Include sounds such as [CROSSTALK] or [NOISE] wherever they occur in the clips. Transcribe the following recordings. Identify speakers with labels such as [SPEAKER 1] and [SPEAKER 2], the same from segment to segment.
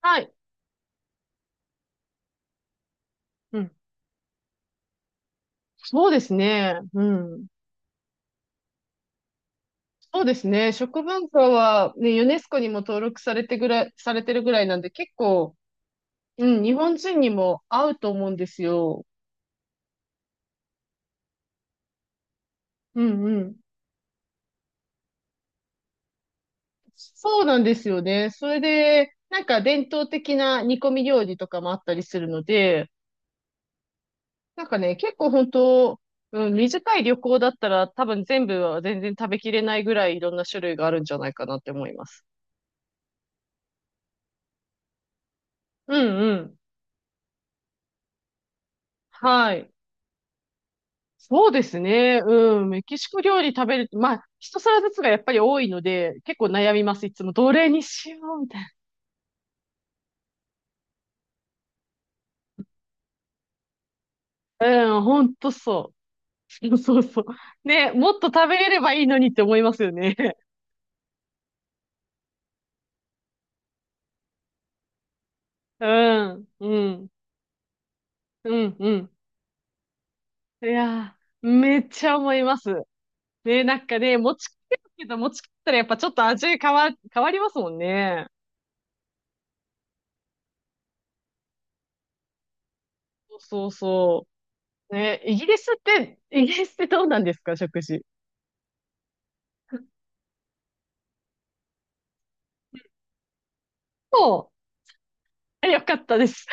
[SPEAKER 1] はい。うん。そうですね。うん。そうですね。食文化はね、ユネスコにも登録されてぐらい、されてるぐらいなんで、結構、うん、日本人にも合うと思うんですよ。うんうん。そうなんですよね。それで、なんか伝統的な煮込み料理とかもあったりするので、なんかね、結構本当、うん、短い旅行だったら多分全部は全然食べきれないぐらいいろんな種類があるんじゃないかなって思います。うんうん。はい。そうですね。うん。メキシコ料理食べる、まあ、一皿ずつがやっぱり多いので、結構悩みます。いつも、どれにしようみたいな。うん、ほんとそう。[LAUGHS] そうそうそう。ね、もっと食べれればいいのにって思いますよね。[LAUGHS] うん、うん、うん、うん。いやー、めっちゃ思います。ね、なんかね、持ち帰るけど、持ち帰ったらやっぱちょっと味変わ、変わりますもんね。そうそう。ね、イギリスってどうなんですか、食事。そう。えよかったです。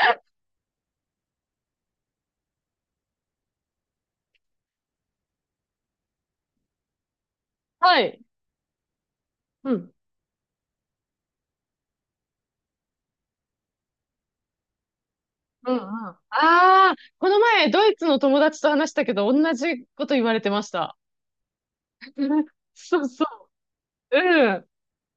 [SPEAKER 1] はい。うん。うんうん。ああ、この前、ドイツの友達と話したけど、同じこと言われてました。[LAUGHS] そうそう。うん。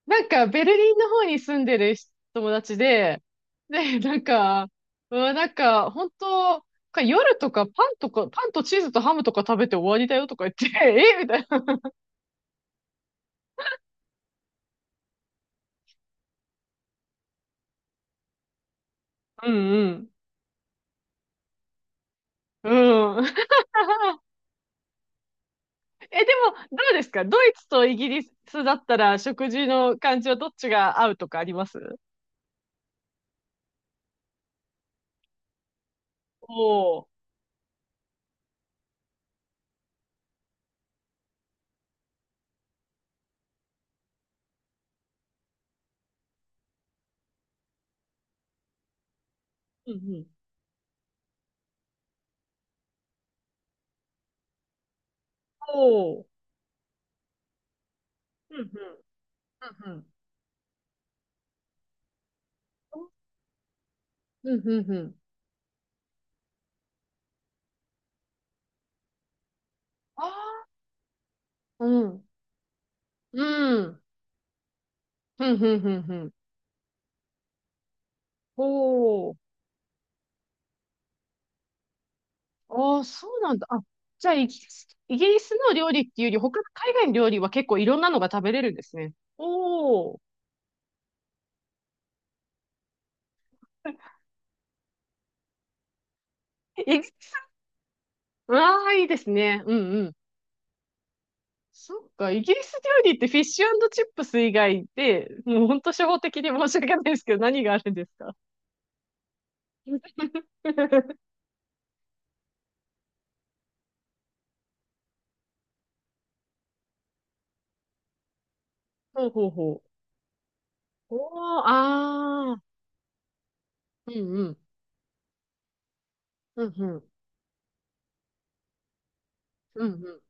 [SPEAKER 1] なんか、ベルリンの方に住んでる友達で、で、なんか、うわ、なんか、本当、か夜とかパンとか、パンとチーズとハムとか食べて終わりだよとか言って、[LAUGHS] えみたいな。うんうん。うん。[LAUGHS] え、でも、どうですかドイツとイギリスだったら食事の感じはどっちが合うとかあります？おおー。うんうん。おお。うんうんうんうん。おー。ああ、うんうんうんうんうんうん、おお。ああそうなんだ。あ、じゃあイギリスの料理っていうより、他の海外の料理は結構いろんなのが食べれるんですね。おー。え、うわあ、いいですね。うんうん。そっか、イギリス料理ってフィッシュチップス以外で、もう本当初歩的に申し訳ないですけど、何があるんですか？ [LAUGHS] ほうほうほう。おー、あ、うんうん。うんうん。うんう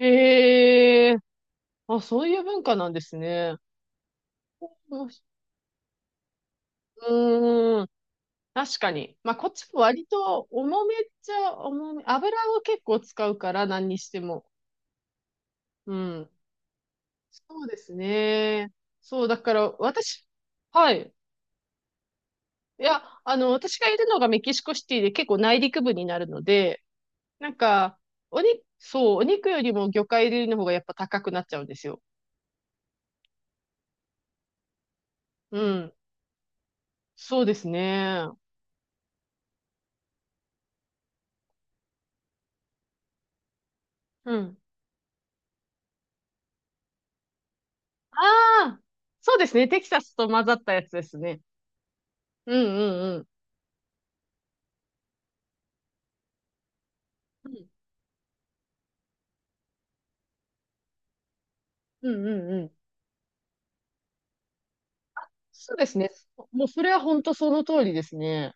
[SPEAKER 1] ん。へえ。あ、そういう文化なんですね。もし、うーん、確かに。まあ、こっちも割と重めっちゃ重め。油を結構使うから、何にしても。うん。そうですね。そう、だから、私、はい、いや、あの、私がいるのがメキシコシティで結構内陸部になるので、なんか、お肉、そう、お肉よりも魚介類の方がやっぱ高くなっちゃうんですよ。うん。そうですね。うん。ああ、そうですね。テキサスと混ざったやつですね。うんうんうん。うんうんうんうん。そうですね。もうそれは本当その通りですね。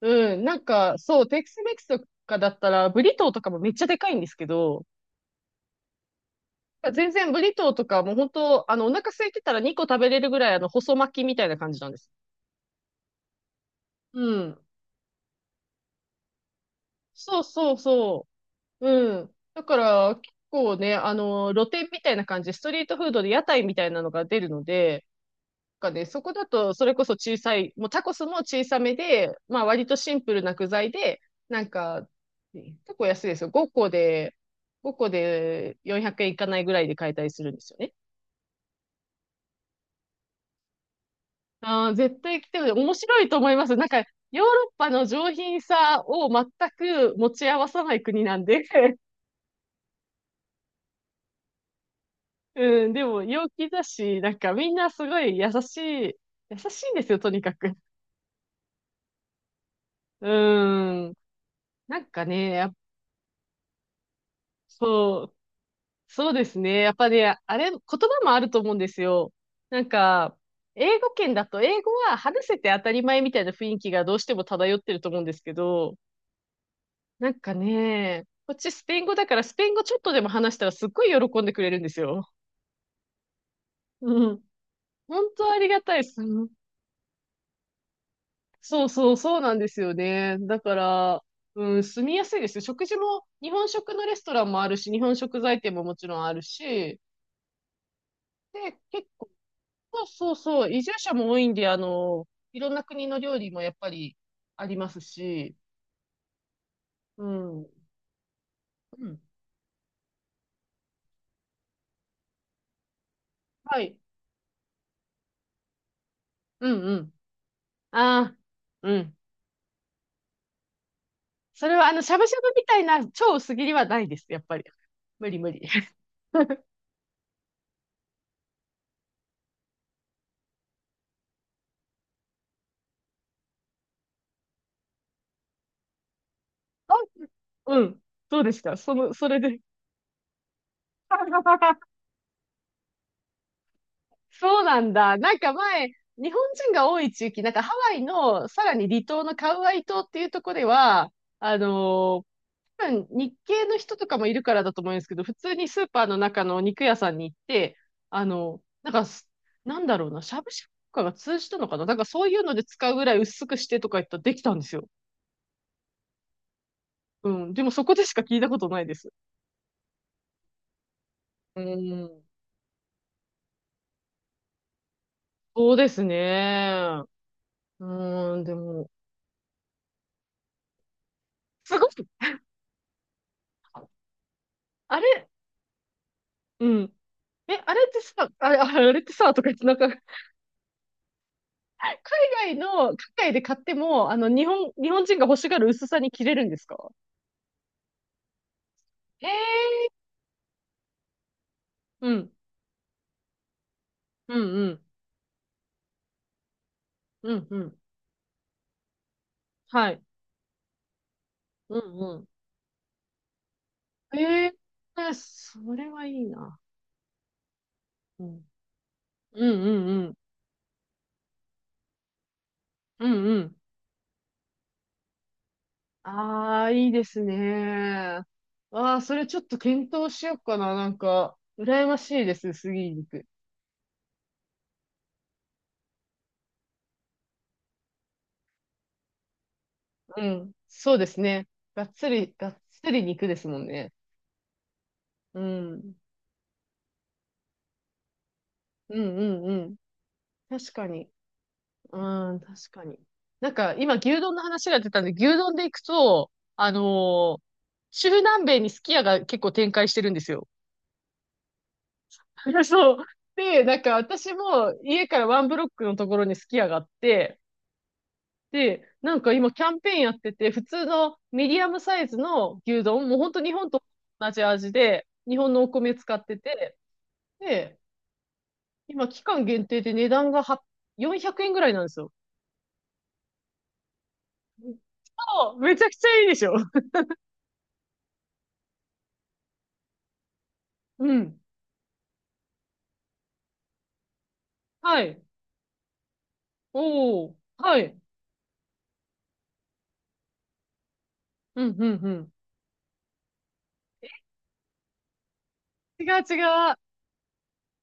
[SPEAKER 1] うん。なんか、そう、テキスメキスとかだったら、ブリトーとかもめっちゃでかいんですけど、全然ブリトーとかもう本当、あの、お腹空いてたら2個食べれるぐらい、あの、細巻きみたいな感じなんです。うん。そうそうそう。うん。だから、結構ね、あの、露店みたいな感じで、ストリートフードで屋台みたいなのが出るので、かね、そこだと、それこそ小さい、もうタコスも小さめで、まあ割とシンプルな具材で、なんか、結構安いですよ。5個で、5個で400円いかないぐらいで買えたりするんですよね。ああ、絶対来てる。面白いと思います。なんか、ヨーロッパの上品さを全く持ち合わさない国なんで。[LAUGHS] うん、でも陽気だし、なんかみんなすごい優しいんですよ、とにかく。うん。なんかね、やっぱ、そう、そうですね。やっぱね、あれ、言葉もあると思うんですよ。なんか、英語圏だと英語は話せて当たり前みたいな雰囲気がどうしても漂ってると思うんですけど、なんかね、こっちスペイン語だからスペイン語ちょっとでも話したらすっごい喜んでくれるんですよ。うん。本当ありがたいです。うん。そうそう、そうなんですよね。だから、うん、住みやすいですよ。食事も、日本食のレストランもあるし、日本食材店ももちろんあるし、で、結、そうそうそう、移住者も多いんで、あの、いろんな国の料理もやっぱりありますし、うん。うん。はい。うんうん。ああ、うん。それは、あの、しゃぶしゃぶみたいな超薄切りはないです、やっぱり。無理無理。[LAUGHS] あ、うん。どうですかその、それで。[LAUGHS] そうなんだ。なんか前、日本人が多い地域、なんかハワイのさらに離島のカウアイ島っていうところでは、あの、多分日系の人とかもいるからだと思うんですけど、普通にスーパーの中の肉屋さんに行って、あの、なんかす、なんだろうな、しゃぶしゃぶとかが通じたのかな、なんかそういうので使うぐらい薄くしてとか言ったらできたんですよ。うん。でもそこでしか聞いたことないです。うん。そうですね。うん、でも、すごく、あれ、うん。え、あれってさ、あれ、ああれってさ、とか言って、なんか、海外で買っても、あの、日本人が欲しがる薄さに切れるんですか？へえ、うん。うんうん。うんうん。はい。うんうん。えー、それはいいな。うん。うんうんうん。うんうん。ああ、いいですね。ああ、それちょっと検討しようかな。なんか、羨ましいです、杉肉。うん。そうですね。がっつり肉ですもんね。うん。うんうんうん。確かに。うん、確かに。なんか、今、牛丼の話が出たんで、牛丼で行くと、あのー、中南米にすき家が結構展開してるんですよ。[LAUGHS] そう。で、なんか、私も家からワンブロックのところにすき家があって、で、なんか今、キャンペーンやってて、普通のミディアムサイズの牛丼、もう本当日本と同じ味で、日本のお米使ってて、で、今、期間限定で値段がは400円ぐらいなんですよ。そうめちゃくちゃいいでしょ。[LAUGHS] うん。はい。おお、はい。うん、うん、うん。違う、違う。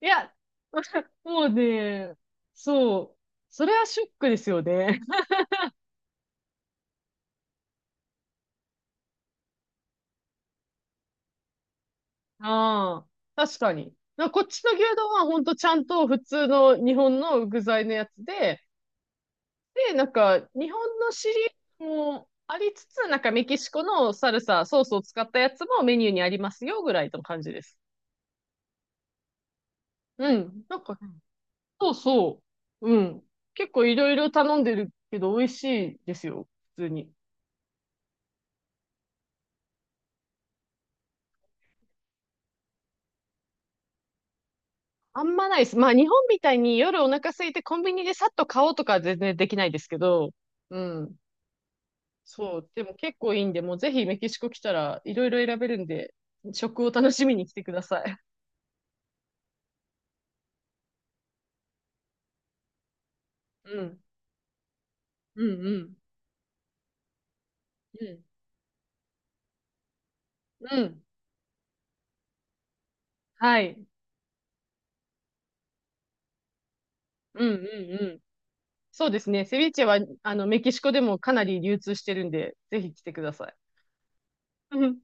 [SPEAKER 1] いや、[LAUGHS] もうね、そう。それはショックですよね。[LAUGHS] ああ、確かに。な、こっちの牛丼はほんとちゃんと普通の日本の具材のやつで、で、なんか日本のシリーズもありつつ、なんかメキシコのサルサ、ソースを使ったやつもメニューにありますよぐらいの感じです。うん。なんか、そうそう。うん。結構いろいろ頼んでるけど、美味しいですよ。普通に。あんまないです。まあ、日本みたいに夜お腹空いてコンビニでさっと買おうとかは全然できないですけど、うん。そう。でも結構いいんで、もうぜひメキシコ来たらいろいろ選べるんで、食を楽しみに来てください。うん。うんうん。うん。うん。はい。うんうんうん。そうですね。セビーチェは、あの、メキシコでもかなり流通してるんで、ぜひ来てください。うん